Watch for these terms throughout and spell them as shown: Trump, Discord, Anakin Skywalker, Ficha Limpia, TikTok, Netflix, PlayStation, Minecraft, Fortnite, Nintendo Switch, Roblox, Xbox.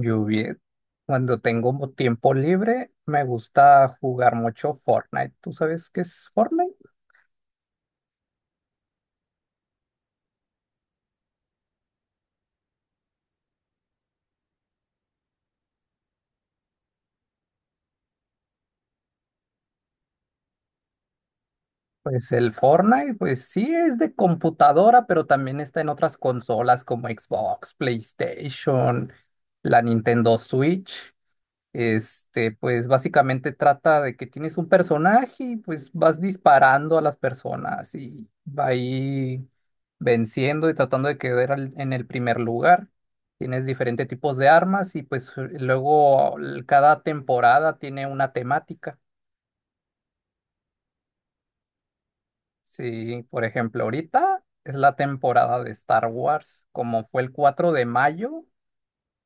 Yo bien, cuando tengo tiempo libre, me gusta jugar mucho Fortnite. ¿Tú sabes qué es Fortnite? Pues el Fortnite, pues sí es de computadora, pero también está en otras consolas como Xbox, PlayStation, la Nintendo Switch. Pues básicamente trata de que tienes un personaje y pues vas disparando a las personas y va ahí venciendo y tratando de quedar en el primer lugar. Tienes diferentes tipos de armas y pues luego cada temporada tiene una temática. Sí, por ejemplo, ahorita es la temporada de Star Wars, como fue el 4 de mayo.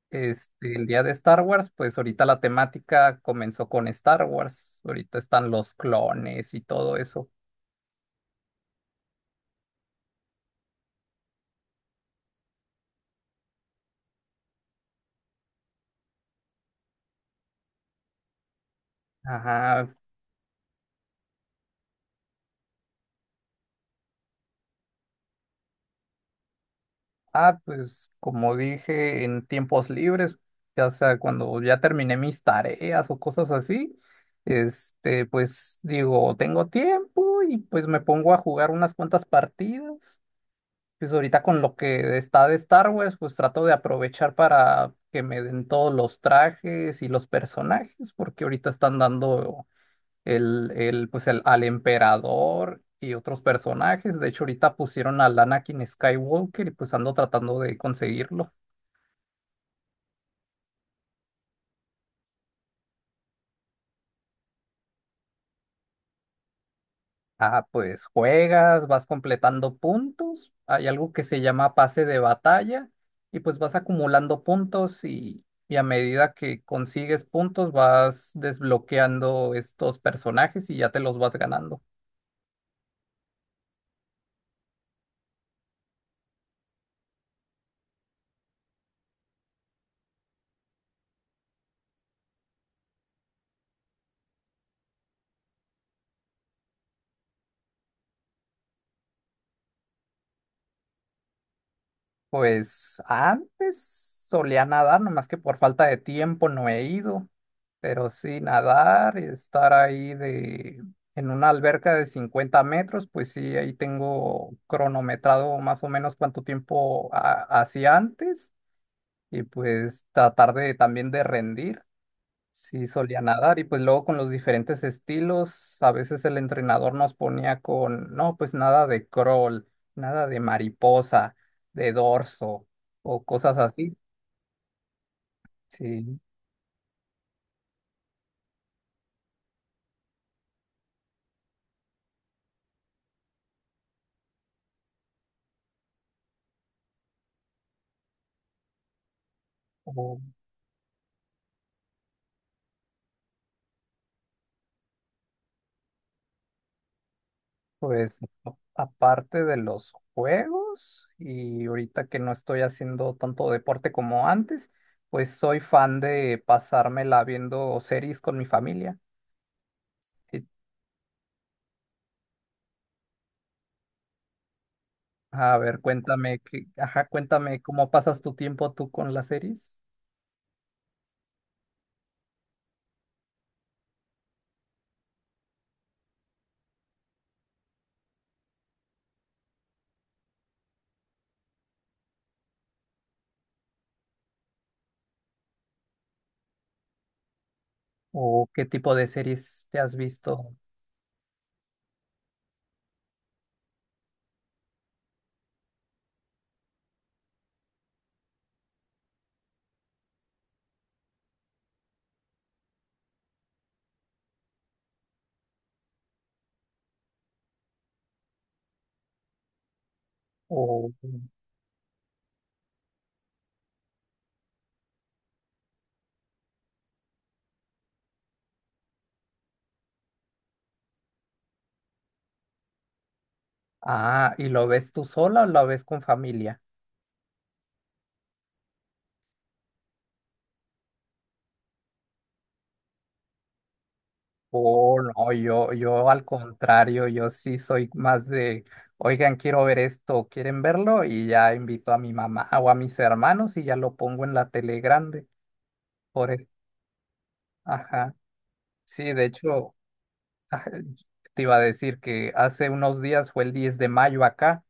El día de Star Wars, pues ahorita la temática comenzó con Star Wars. Ahorita están los clones y todo eso. Ajá. Ah, pues como dije, en tiempos libres, ya sea cuando ya terminé mis tareas o cosas así, pues digo, tengo tiempo y pues me pongo a jugar unas cuantas partidas. Pues ahorita con lo que está de Star Wars, pues trato de aprovechar para que me den todos los trajes y los personajes, porque ahorita están dando al emperador y otros personajes. De hecho, ahorita pusieron al Anakin Skywalker y pues ando tratando de conseguirlo. Ah, pues juegas, vas completando puntos, hay algo que se llama pase de batalla y pues vas acumulando puntos y a medida que consigues puntos vas desbloqueando estos personajes y ya te los vas ganando. Pues antes solía nadar, nomás que por falta de tiempo no he ido. Pero sí, nadar y estar ahí en una alberca de 50 metros, pues sí, ahí tengo cronometrado más o menos cuánto tiempo hacía antes. Y pues tratar de también de rendir. Sí, solía nadar y pues luego con los diferentes estilos, a veces el entrenador nos ponía con, no, pues nada de crawl, nada de mariposa, de dorso o cosas así. Sí, o, pues aparte de los juegos y ahorita que no estoy haciendo tanto deporte como antes, pues soy fan de pasármela viendo series con mi familia. Y, a ver, cuéntame, cuéntame cómo pasas tu tiempo tú con las series. ¿O qué tipo de series te has visto? O, ah, ¿y lo ves tú sola o lo ves con familia? Oh, no, yo al contrario, yo sí soy más de, oigan, quiero ver esto, ¿quieren verlo? Y ya invito a mi mamá o a mis hermanos y ya lo pongo en la tele grande. Por el- Ajá. Sí, de hecho, ah, te iba a decir que hace unos días fue el 10 de mayo acá,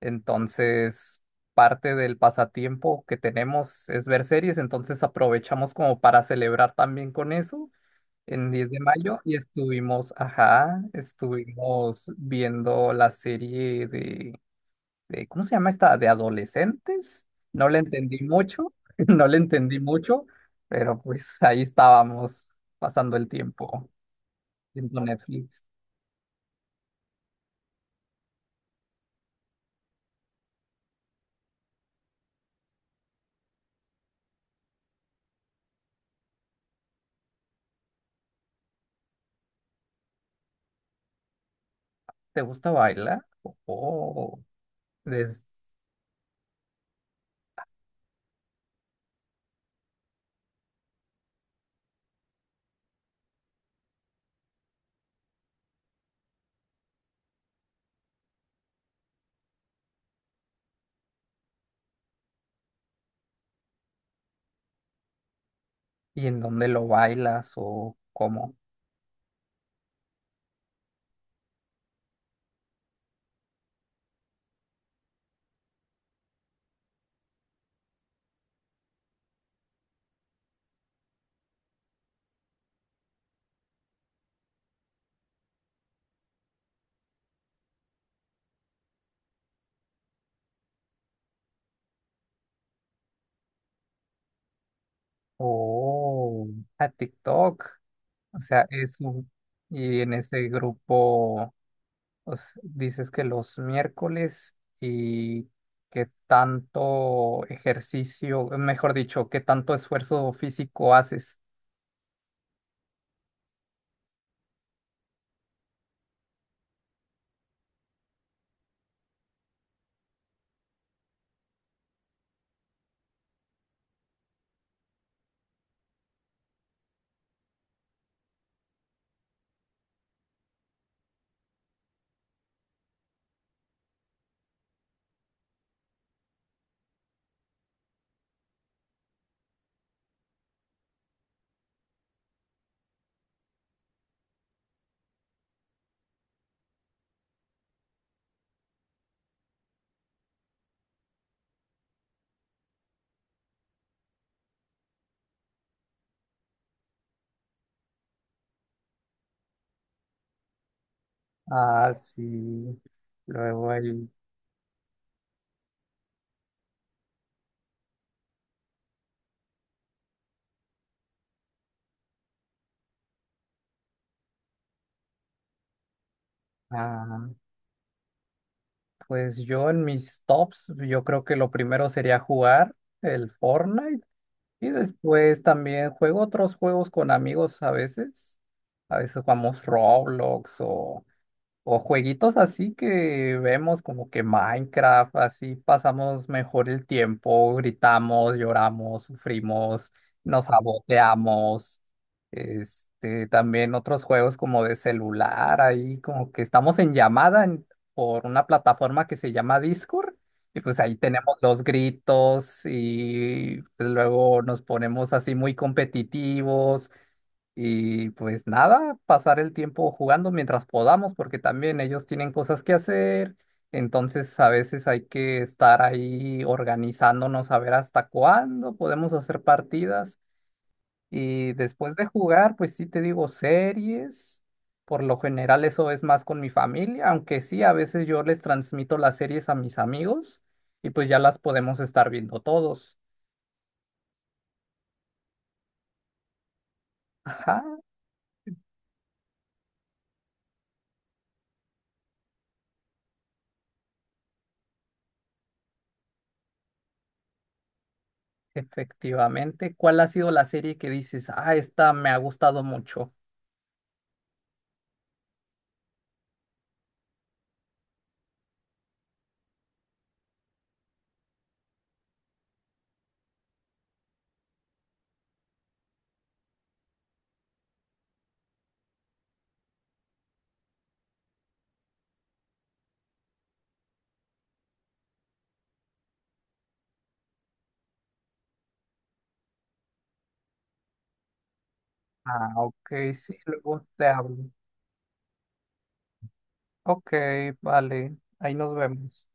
entonces parte del pasatiempo que tenemos es ver series, entonces aprovechamos como para celebrar también con eso en 10 de mayo y estuvimos, ajá, estuvimos viendo la serie de ¿cómo se llama esta? De adolescentes. No le entendí mucho, no le entendí mucho, pero pues ahí estábamos pasando el tiempo. Viendo Netflix. ¿Te gusta bailar? Oh, des- ¿y en dónde lo bailas o cómo? Oh, a TikTok. O sea, eso. Y en ese grupo, pues, dices que los miércoles y qué tanto ejercicio, mejor dicho, qué tanto esfuerzo físico haces. Ah, sí. Luego el, ah, Pues yo en mis tops, yo creo que lo primero sería jugar el Fortnite y después también juego otros juegos con amigos a veces. A veces jugamos Roblox o jueguitos así que vemos como que Minecraft, así pasamos mejor el tiempo, gritamos, lloramos, sufrimos, nos saboteamos. También otros juegos como de celular, ahí como que estamos en llamada por una plataforma que se llama Discord, y pues ahí tenemos los gritos y pues, luego nos ponemos así muy competitivos. Y pues nada, pasar el tiempo jugando mientras podamos, porque también ellos tienen cosas que hacer. Entonces a veces hay que estar ahí organizándonos a ver hasta cuándo podemos hacer partidas. Y después de jugar, pues sí te digo series. Por lo general eso es más con mi familia, aunque sí, a veces yo les transmito las series a mis amigos y pues ya las podemos estar viendo todos. Ajá, efectivamente, ¿cuál ha sido la serie que dices, ah, esta me ha gustado mucho? Ah, ok, sí, luego te hablo. Ok, vale, ahí nos vemos.